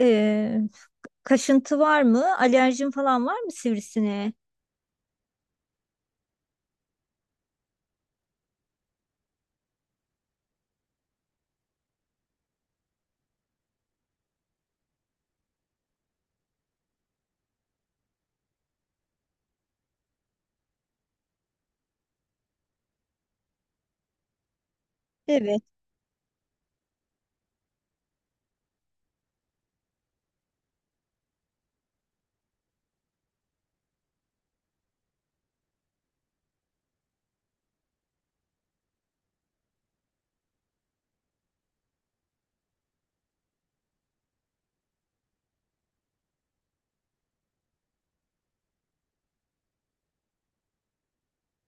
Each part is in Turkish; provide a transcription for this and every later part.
Ee, Kaşıntı var mı? Alerjin falan var mı sivrisineğe? Evet.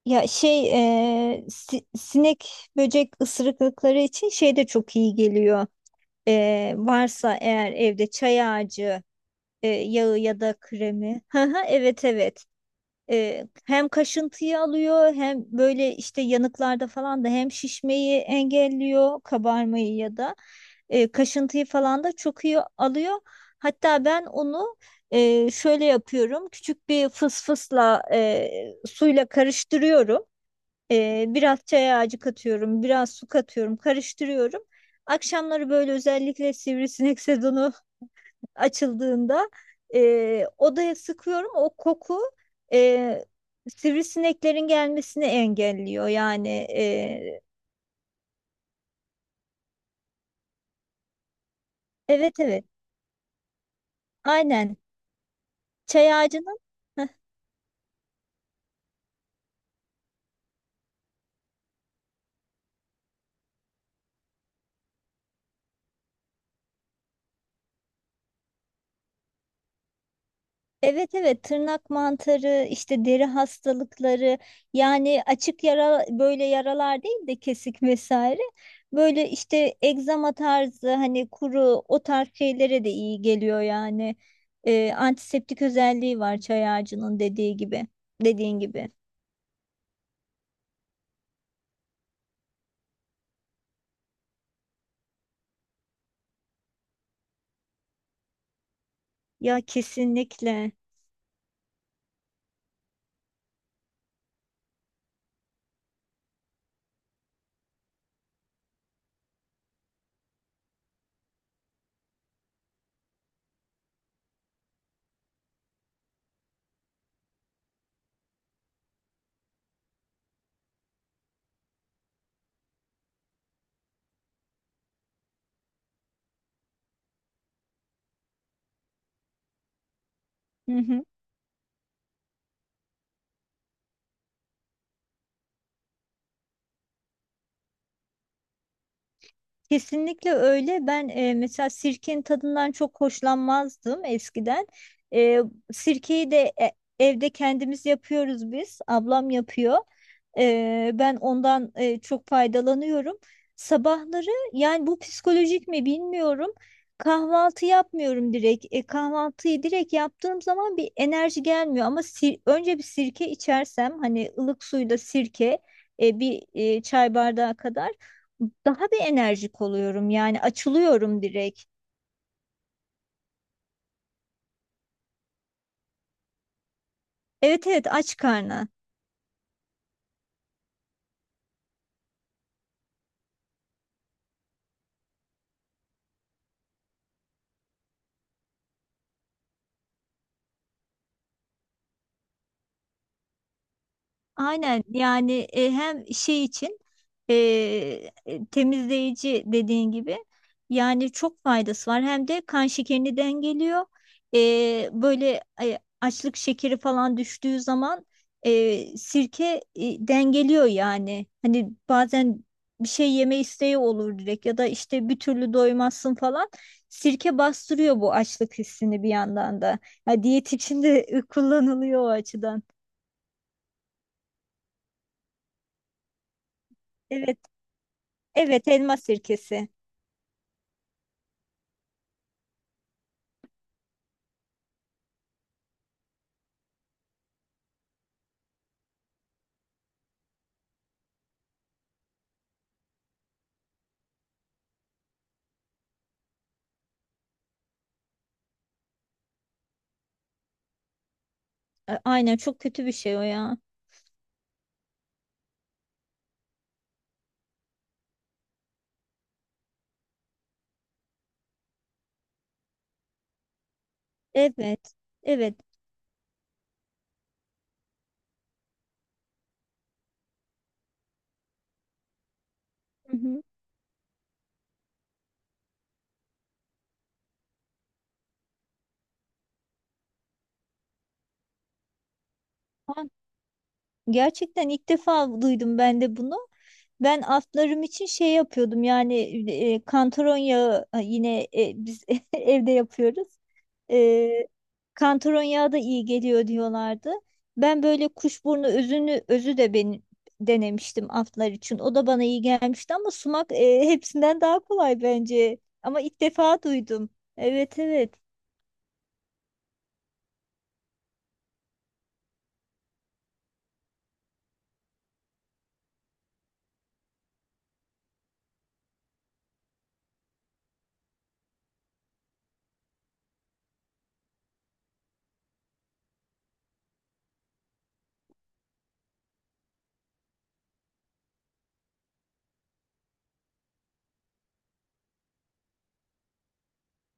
Ya şey Sinek böcek ısırıklıkları için şey de çok iyi geliyor. Varsa eğer evde çay ağacı yağı ya da kremi. Hı hı, evet evet. Hem kaşıntıyı alıyor hem böyle işte yanıklarda falan da hem şişmeyi engelliyor kabarmayı ya da kaşıntıyı falan da çok iyi alıyor. Hatta ben onu şöyle yapıyorum, küçük bir fısfısla suyla karıştırıyorum. Biraz çay ağacı katıyorum, biraz su katıyorum, karıştırıyorum. Akşamları böyle özellikle sivrisinek sezonu açıldığında odaya sıkıyorum. O koku e, sivrisineklerin gelmesini engelliyor. Evet evet, aynen. Çay ağacının evet evet, tırnak mantarı, işte deri hastalıkları, yani açık yara, böyle yaralar değil de kesik vesaire, böyle işte egzama tarzı, hani kuru, o tarz şeylere de iyi geliyor yani. Antiseptik özelliği var çay ağacının, dediğin gibi. Ya kesinlikle. Hı hı. Kesinlikle öyle. Ben mesela sirkenin tadından çok hoşlanmazdım eskiden. E, Sirkeyi de evde kendimiz yapıyoruz biz. Ablam yapıyor. Ben ondan çok faydalanıyorum. Sabahları, yani bu psikolojik mi bilmiyorum. Kahvaltı yapmıyorum direkt. Kahvaltıyı direkt yaptığım zaman bir enerji gelmiyor, ama önce bir sirke içersem, hani ılık suyla sirke, bir çay bardağı kadar, daha bir enerjik oluyorum. Yani açılıyorum direkt. Evet evet, aç karnı. Aynen, yani hem şey için, e, temizleyici dediğin gibi, yani çok faydası var. Hem de kan şekerini dengeliyor. Böyle açlık şekeri falan düştüğü zaman sirke dengeliyor yani. Hani bazen bir şey yeme isteği olur direkt, ya da işte bir türlü doymazsın falan. Sirke bastırıyor bu açlık hissini bir yandan da. Ha, diyet için de kullanılıyor o açıdan. Evet. Evet, elma sirkesi. A- Aynen, çok kötü bir şey o ya. Evet. Evet. Hı hı. Gerçekten ilk defa duydum ben de bunu. Ben atlarım için şey yapıyordum, yani kantaron yağı, biz evde yapıyoruz. E, Kantaron yağı da iyi geliyor diyorlardı. Ben böyle kuşburnu özü de ben denemiştim atlar için. O da bana iyi gelmişti, ama sumak, hepsinden daha kolay bence. Ama ilk defa duydum. Evet evet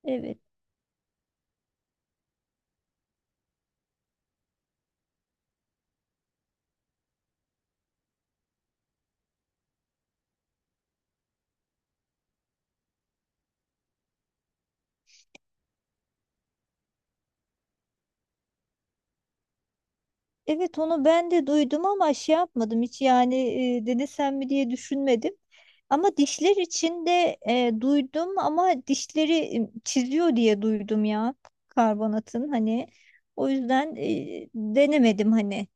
evet. Evet, onu ben de duydum ama şey yapmadım hiç, yani denesem mi diye düşünmedim. Ama dişler için de duydum, ama dişleri çiziyor diye duydum ya, karbonatın hani. O yüzden denemedim hani.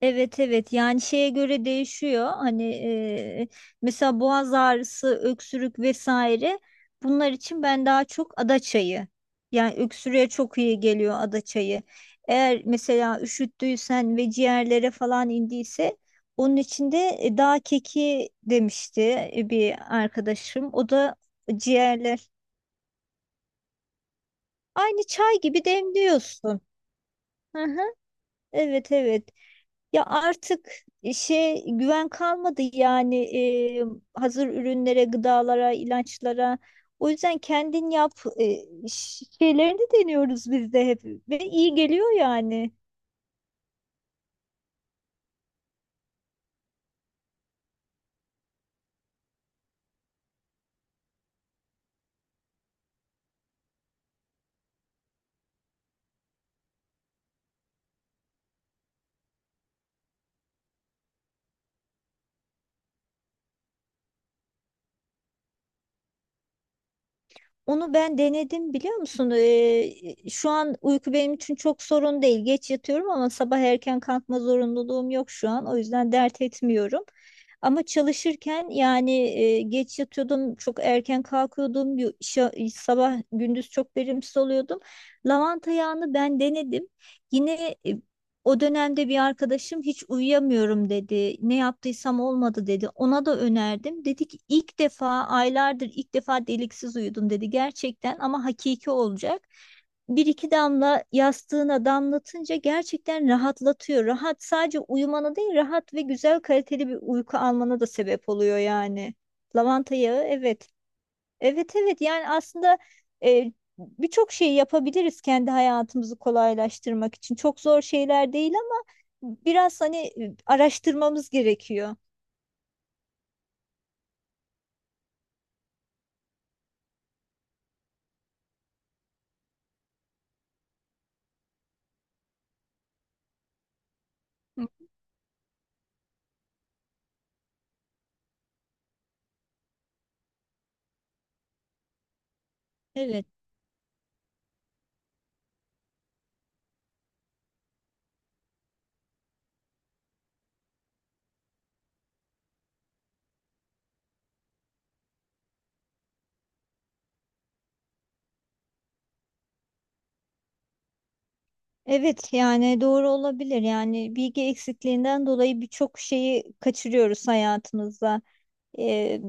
Evet evet, yani şeye göre değişiyor hani. e, Mesela boğaz ağrısı, öksürük vesaire, bunlar için ben daha çok ada çayı, yani öksürüğe çok iyi geliyor ada çayı. Eğer mesela üşüttüysen ve ciğerlere falan indiyse, onun için de dağ keki demişti bir arkadaşım, o da ciğerler, aynı çay gibi demliyorsun. Hı hı. Evet evet. Ya artık şey güven kalmadı yani e, hazır ürünlere, gıdalara, ilaçlara. O yüzden kendin yap e, şeylerini deniyoruz biz de hep, ve iyi geliyor yani. Onu ben denedim, biliyor musun? Şu an uyku benim için çok sorun değil. Geç yatıyorum ama sabah erken kalkma zorunluluğum yok şu an. O yüzden dert etmiyorum. Ama çalışırken, yani geç yatıyordum, çok erken kalkıyordum. Sabah gündüz çok verimsiz oluyordum. Lavanta yağını ben denedim. Yine o dönemde bir arkadaşım, hiç uyuyamıyorum dedi, ne yaptıysam olmadı dedi. Ona da önerdim. Dedi ki ilk defa, aylardır ilk defa deliksiz uyudum dedi. Gerçekten, ama hakiki olacak. Bir iki damla yastığına damlatınca gerçekten rahatlatıyor. Rahat sadece uyumana değil, rahat ve güzel kaliteli bir uyku almana da sebep oluyor yani. Lavanta yağı, evet. Evet evet, yani aslında e, birçok şeyi yapabiliriz kendi hayatımızı kolaylaştırmak için. Çok zor şeyler değil, ama biraz hani araştırmamız gerekiyor. Evet. Evet, yani doğru olabilir. Yani bilgi eksikliğinden dolayı birçok şeyi kaçırıyoruz hayatımızda. Ee,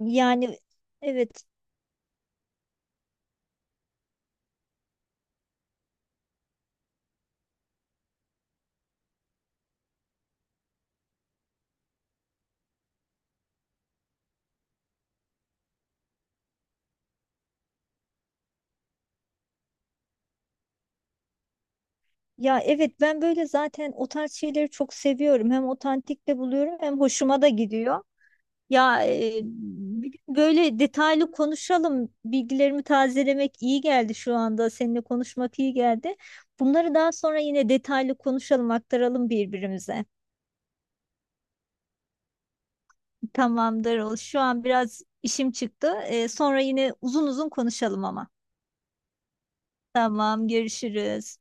Yani evet. Ya evet, ben böyle zaten o tarz şeyleri çok seviyorum. Hem otantik de buluyorum, hem hoşuma da gidiyor. Ya bir gün böyle detaylı konuşalım. Bilgilerimi tazelemek iyi geldi şu anda. Seninle konuşmak iyi geldi. Bunları daha sonra yine detaylı konuşalım, aktaralım birbirimize. Tamamdır. Şu an biraz işim çıktı. Sonra yine uzun uzun konuşalım ama. Tamam, görüşürüz.